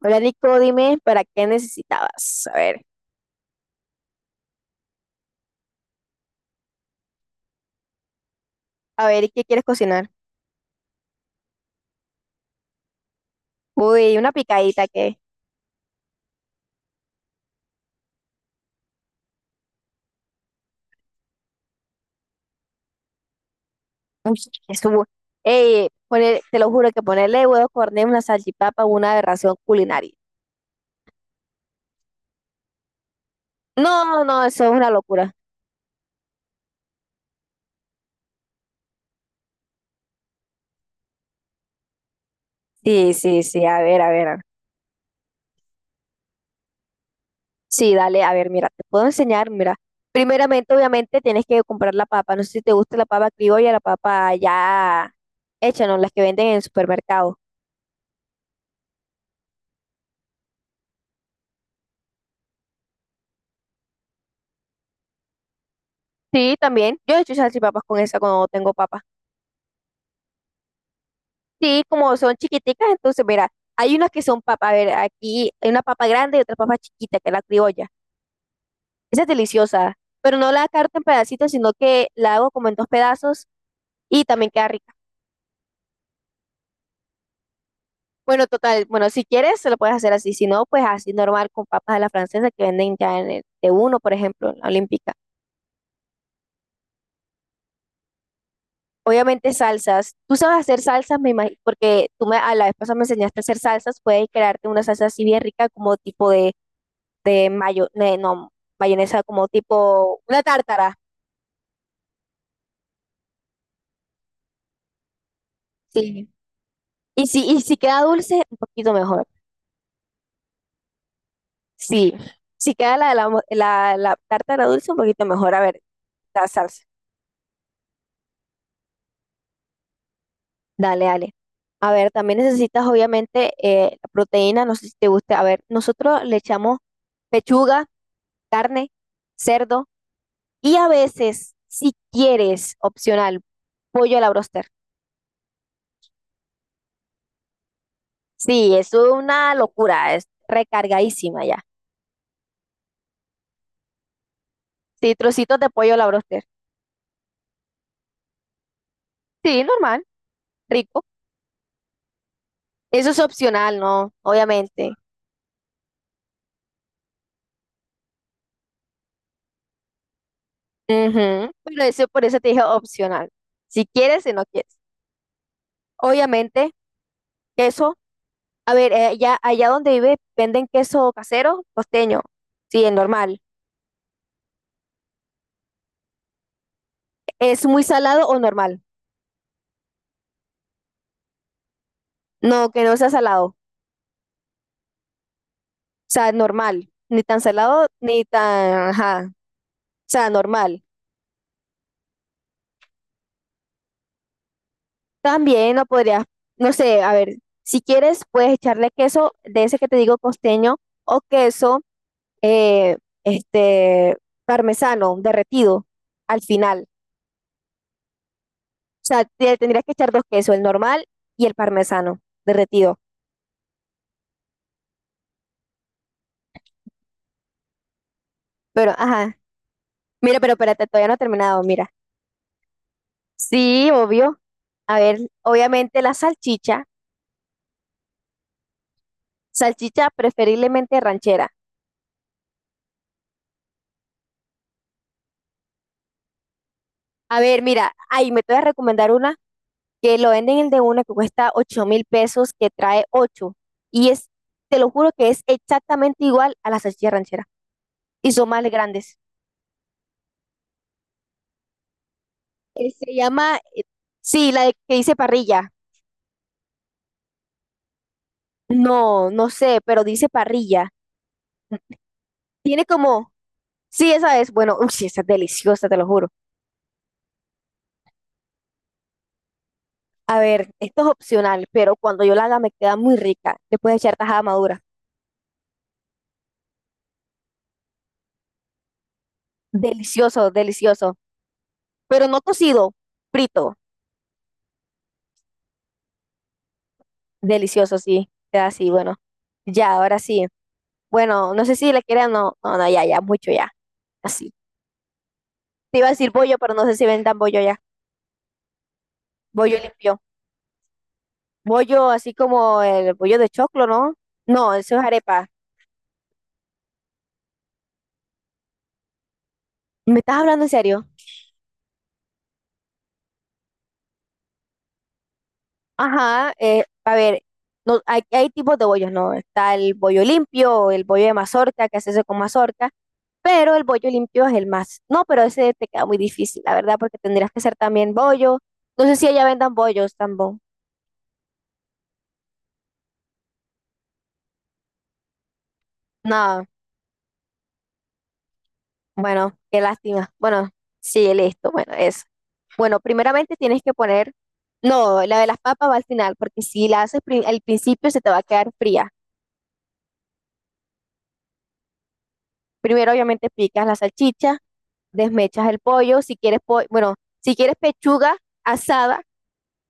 Hola Nico, dime, ¿para qué necesitabas? A ver, ¿qué quieres cocinar? Uy, una picadita que... Uy, eso... Ey, te lo juro que ponerle huevos corneros, una salchipapa, una aberración culinaria. No, no, eso es una locura. Sí, sí, sí, a ver, a ver, a ver. Sí, dale, a ver, mira, te puedo enseñar, mira. Primeramente, obviamente, tienes que comprar la papa. No sé si te gusta la papa criolla, la papa ya hecha, ¿no? Las que venden en el supermercado. Sí, también. Yo he hecho salchipapas con esa cuando tengo papa. Sí, como son chiquiticas, entonces, mira, hay unas que son papa, a ver, aquí hay una papa grande y otra papa chiquita, que es la criolla. Esa es deliciosa, pero no la carto en pedacitos, sino que la hago como en dos pedazos y también queda rica. Bueno, total, bueno, si quieres, se lo puedes hacer así, si no, pues así normal con papas a la francesa que venden ya en el de uno, por ejemplo, en la Olímpica. Obviamente salsas. Tú sabes hacer salsas, me imagino, porque tú me, a la vez pasada me enseñaste a hacer salsas, puedes crearte una salsa así bien rica, como tipo de mayo, no, mayonesa como tipo una tártara. Sí. Y si queda dulce, un poquito mejor. Sí. Si queda la tártara dulce, un poquito mejor. A ver, la salsa. Dale, dale. A ver, también necesitas obviamente la proteína, no sé si te guste. A ver, nosotros le echamos pechuga, carne, cerdo y a veces, si quieres, opcional, pollo a la broster. Sí, es una locura, es recargadísima ya. Sí, trocitos de pollo a la broster. Sí, normal, rico. Eso es opcional, ¿no? Obviamente. Ujú. Pero eso, por eso te dije opcional. Si quieres, si no quieres. Obviamente, queso. A ver, allá, allá donde vive, ¿venden queso casero? Costeño. Sí, es normal. ¿Es muy salado o normal? No, que no sea salado. O sea, normal. Ni tan salado, ni tan... Ajá. O sea, normal. También no podrías, no sé, a ver, si quieres puedes echarle queso de ese que te digo costeño o queso eh, este parmesano derretido al final. O sea, tendrías que echar dos quesos, el normal y el parmesano derretido. Pero, ajá, mira, pero espérate, todavía no he terminado, mira. Sí, obvio. A ver, obviamente la salchicha, salchicha preferiblemente ranchera. A ver, mira, ahí me te voy a recomendar una que lo venden el de uno que cuesta 8.000 pesos, que trae ocho. Y es, te lo juro que es exactamente igual a la salchicha ranchera. Y son más grandes. Se llama, sí, que dice parrilla. No, no sé, pero dice parrilla. Tiene como, sí, esa es, bueno, uy, sí, esa es deliciosa, te lo juro. A ver, esto es opcional, pero cuando yo la haga me queda muy rica. Le puedes echar tajada madura. Delicioso, delicioso. Pero no cocido, frito. Delicioso, sí. Queda así, bueno. Ya, ahora sí. Bueno, no sé si le quieren no. No, no, ya, ya, mucho ya. Así. Te iba a decir bollo, pero no sé si vendan bollo ya. Bollo limpio. Bollo así como el bollo de choclo, ¿no? No, eso es arepa. ¿Me estás hablando en serio? Ajá, a ver, no, hay tipos de bollos, ¿no? Está el bollo limpio, el bollo de mazorca, que se hace con mazorca, pero el bollo limpio es el más. No, pero ese te queda muy difícil, la verdad, porque tendrías que hacer también bollo. No sé si allá vendan bollos tampoco. No. Bueno, qué lástima. Bueno, sí, listo. Bueno, eso. Bueno, primeramente tienes que poner, no, la de las papas va al final, porque si la haces al principio se te va a quedar fría. Primero, obviamente, picas la salchicha, desmechas el pollo, si quieres, bueno, si quieres pechuga asada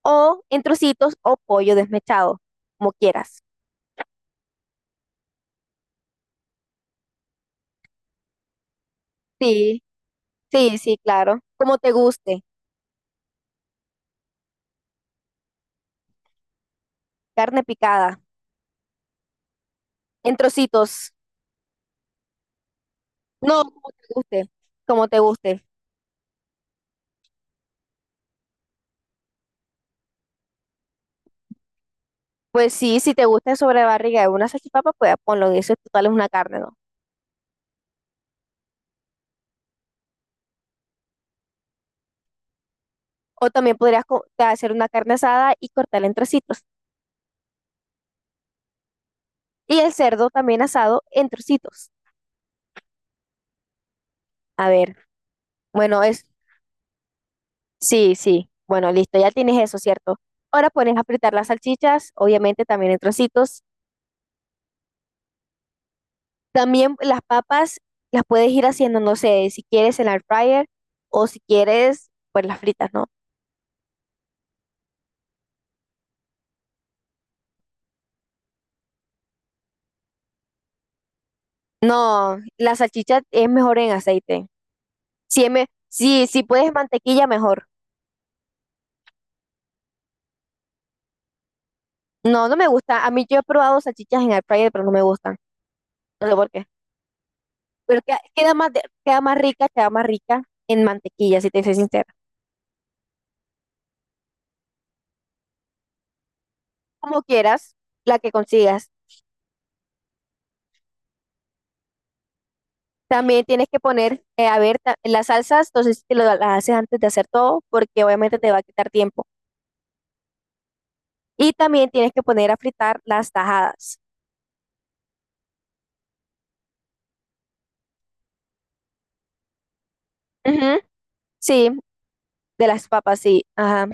o en trocitos o pollo desmechado, como quieras. Sí, sí, sí, claro. Como te guste, carne picada, en trocitos. No, como te guste, como te guste. Pues sí, si te gusta sobrebarriga de una salchipapa, pues ponlo en eso, total es una carne, ¿no? O también podrías hacer una carne asada y cortarla en trocitos. Y el cerdo también asado en trocitos. A ver, bueno, es, sí, sí, bueno, listo, ya tienes eso, ¿cierto? Ahora pones a fritar las salchichas, obviamente también en trocitos. También las papas las puedes ir haciendo, no sé, si quieres en la air fryer o si quieres, pues las fritas, ¿no? No, la salchicha es mejor en aceite. Si, me, si puedes mantequilla, mejor. No, no me gusta. A mí yo he probado salchichas en air fryer, pero no me gustan. No sé por qué. Pero queda más, queda más rica en mantequilla, si te soy sincera. Como quieras, la que consigas. También tienes que poner, a ver, las salsas, entonces te lo, las haces antes de hacer todo, porque obviamente te va a quitar tiempo. Y también tienes que poner a fritar las tajadas. Ujú. Sí, de las papas, sí. Ajá.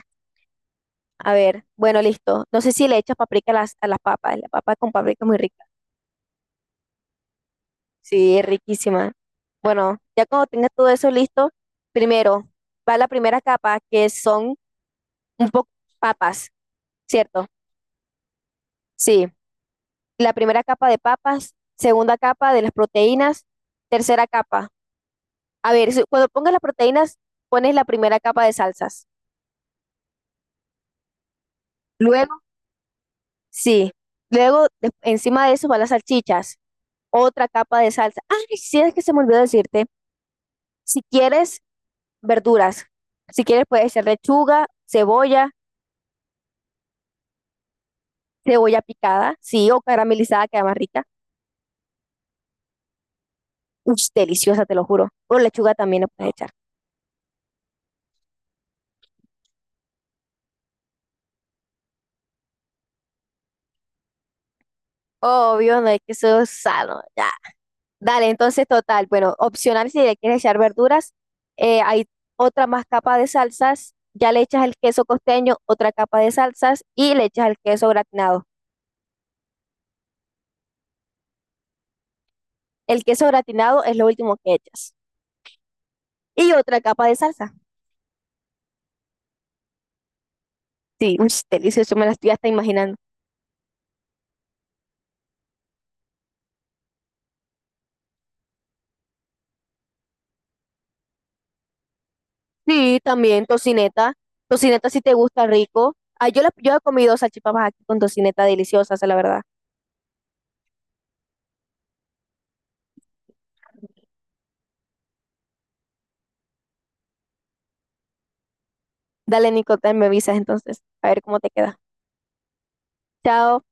A ver, bueno, listo. No sé si le echas paprika a las papas. La papa con paprika es muy rica. Sí, es riquísima. Bueno, ya cuando tengas todo eso listo, primero va la primera capa, que son un poco papas, ¿cierto? Sí, la primera capa de papas, segunda capa de las proteínas, tercera capa. A ver, cuando pongas las proteínas, pones la primera capa de salsas. Luego, sí, luego encima de eso van las salchichas, otra capa de salsa. Ah, sí, es que se me olvidó decirte, si quieres verduras, si quieres puede ser lechuga, cebolla. Cebolla picada, sí, o caramelizada, queda más rica. Uy, deliciosa, te lo juro. O lechuga también le puedes echar. Obvio, no es que eso es sano, ya. Dale, entonces, total, bueno, opcional si le quieres echar verduras. Hay otra más capa de salsas, ya le echas el queso costeño, otra capa de salsas y le echas el queso gratinado. El queso gratinado es lo último que echas. Y otra capa de salsa. Sí, uy, delicioso, me la estoy hasta imaginando. Sí, también tocineta. Tocineta si te gusta rico. Ah, yo, yo he comido salchipapas aquí con tocineta deliciosas, la verdad. Dale, Nico, me avisas entonces, a ver cómo te queda. Chao.